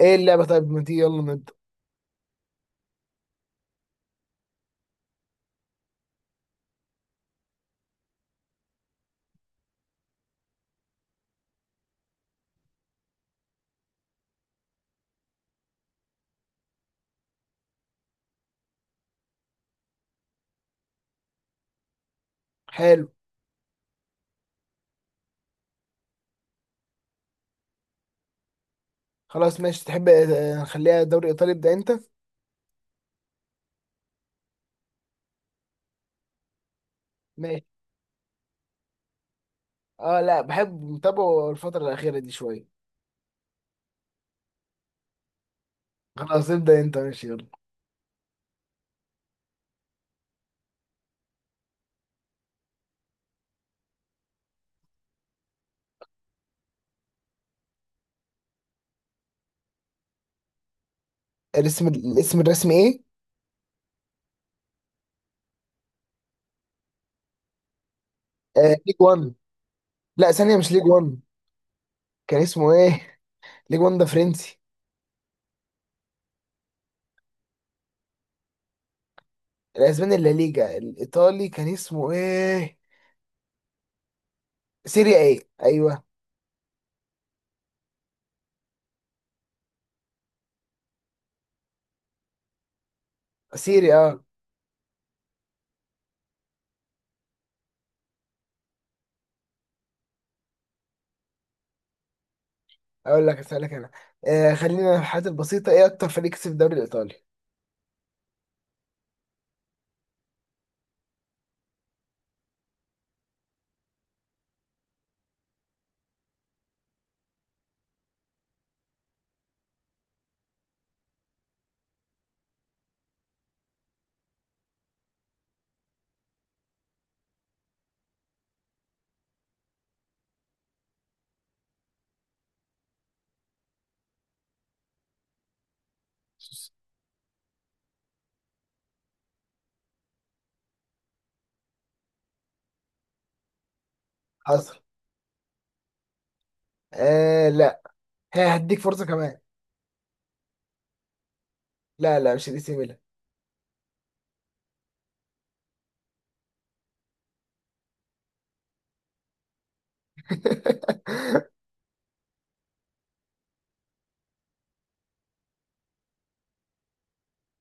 ايه اللعبة؟ طيب ما تيجي، يلا نبدأ. حلو. خلاص ماشي، تحب نخليها دوري ايطالي. ابدأ انت. ماشي. اه لا، بحب متابعه الفترة الأخيرة دي شوية. خلاص ابدأ انت، ماشي يلا. الاسم الرسمي ايه؟ ليج 1. لا ثانية، مش ليج 1. كان اسمه ايه؟ ليج 1 ده فرنسي. الاسباني لا ليجا. الايطالي كان اسمه ايه؟ سيريا ايه؟ ايوه. سيريا، اه. اقول لك، اسألك انا. خلينا في الحاجات البسيطة. ايه اكتر فريق كسب الدوري الايطالي؟ حصل. آه لا. ها هديك فرصة كمان. لا لا، مش الاي سي ميلان.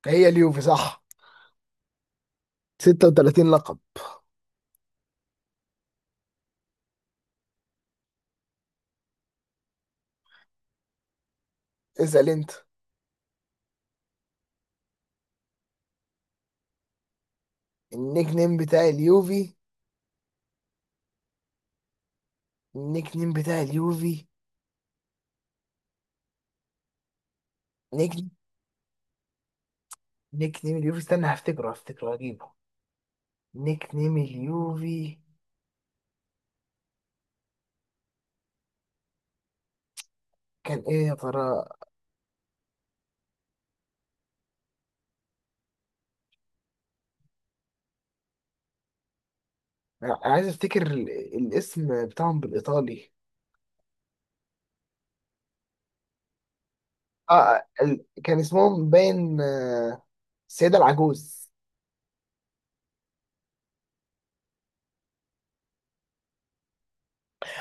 هي اليوفي صح. 36 لقب. اسأل انت. النيك نيم بتاع اليوفي. النيك نيم بتاع اليوفي نيك نيك نيم اليوفي، استنى هفتكره هجيبه. نيك نيم اليوفي، كان ايه يا ترى؟ أنا عايز افتكر الاسم بتاعهم بالايطالي. اه كان اسمهم باين، السيدة العجوز.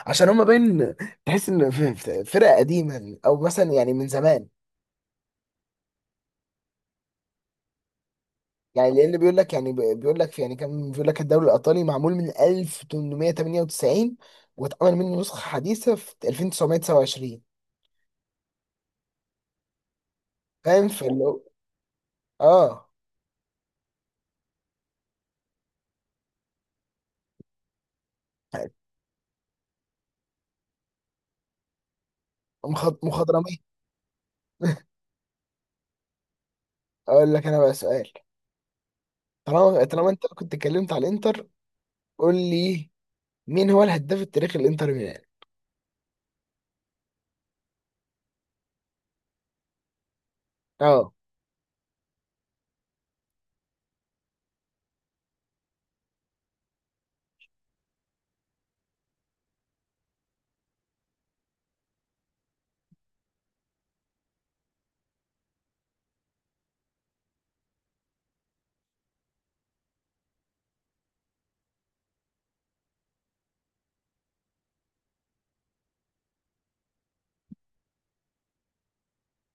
عشان هما باين. تحس ان فرقة قديمة او مثلا يعني من زمان. يعني لان بيقول لك، يعني بيقول لك، يعني كان بيقول لك الدوري الايطالي معمول من 1898، واتعمل منه نسخه حديثه في 1929. فاهم في اللي هو. اه. مخضرميه. اقول لك انا بقى سؤال، طالما انت كنت اتكلمت على الانتر. قول لي، مين هو الهداف التاريخي للانتر ميلان؟ اه،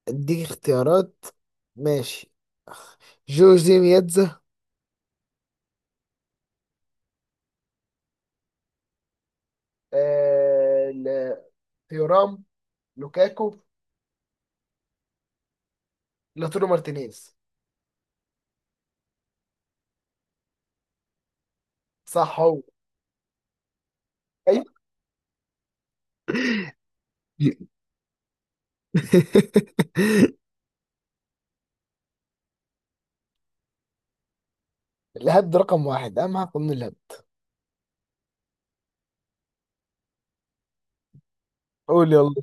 اديك اختيارات. ماشي. جوزي مياتزا، آه... ل- تيورام، لوكاكو، لاتورو مارتينيز. صح هو. أيوه. الهبد ده رقم واحد، اهم حاجه قانون الهبد. قول يلا.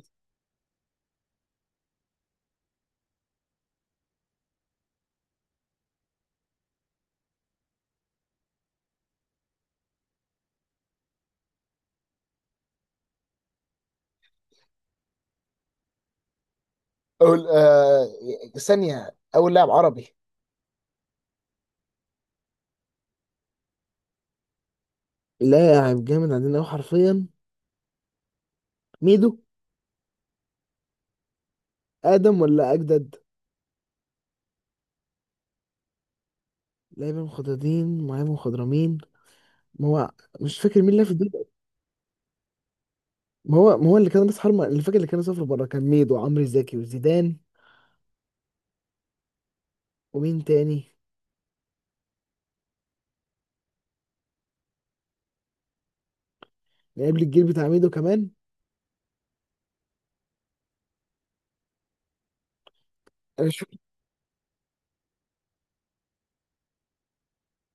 قول ثانيه. اول لاعب عربي، لاعب جامد عندنا أوي حرفيا. ميدو؟ ادم ولا اجدد؟ لاعب مخضرمين، معايا مخضرمين. ما هو مش فاكر مين اللي في الدوري. ما هو اللي كان راس حربة، اللي فاكر اللي كان سافر بره، كان ميدو وعمرو زكي وزيدان. ومين تاني؟ لعيب الجيل بتاع ميدو كمان. انا مش فاكر.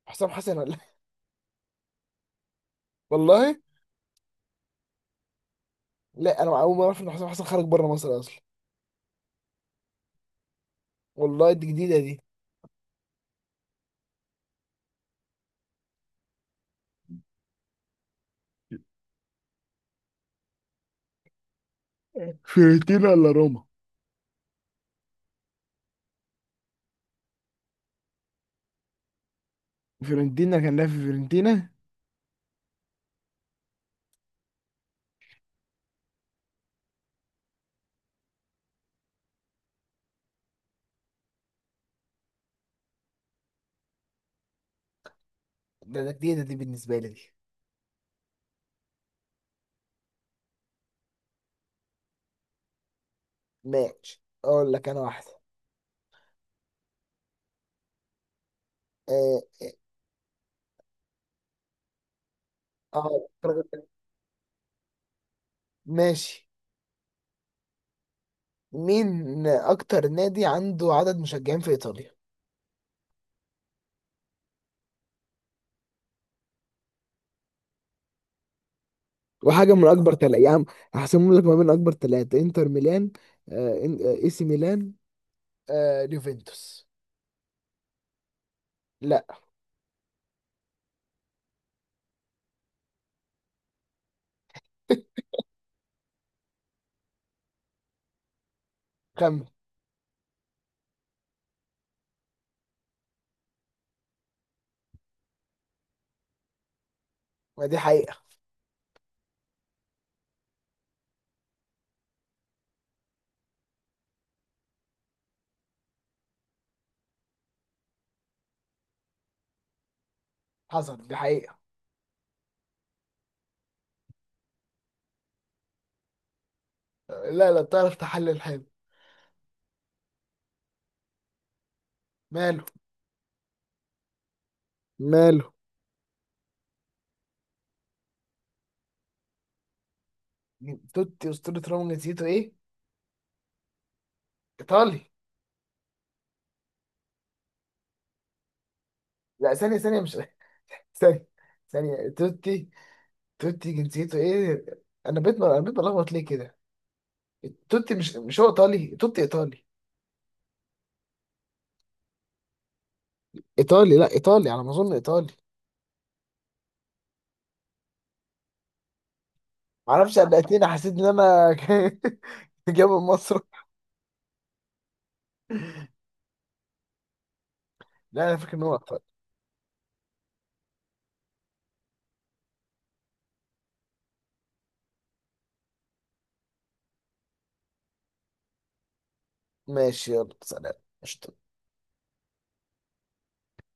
حسام حسن ولا؟ والله. لا، انا اول مره اعرف ان حسام حسن خرج بره مصر اصلا. والله دي جديده دي. فيرتين ولا روما؟ فيورنتينا، كان لاعب في فيورنتينا. ده جديدة دي بالنسبة لي دي. ماشي أقول لك أنا واحدة. آه آه آه، ماشي. مين أكتر نادي عنده عدد مشجعين في إيطاليا؟ وحاجة من أكبر تلاتة يا عم. هحسمهم لك ما بين أكبر تلاتة، إنتر ميلان، إي سي ميلان، اليوفنتوس. لا. كمل. ما دي حقيقة. حصل، دي حقيقة. لا لا، بتعرف تحلل حلو. ماله؟ ماله؟ توتي أسطورة روما، جنسيته إيه؟ إيطالي. لا ثانية ثانية، مش، ثانية. ثانية توتي. توتي جنسيته ايه؟ انا بيت بلخبط ليه كده. توتي مش هو ايطالي. توتي ايطالي. ايطالي. لا، ايطالي على ما اظن، ايطالي. معرفش، قلقتني، حسيت ان انا جاي من مصر. لا انا فاكر ان هو ايطالي. ماشي يلا سلام. قشطة.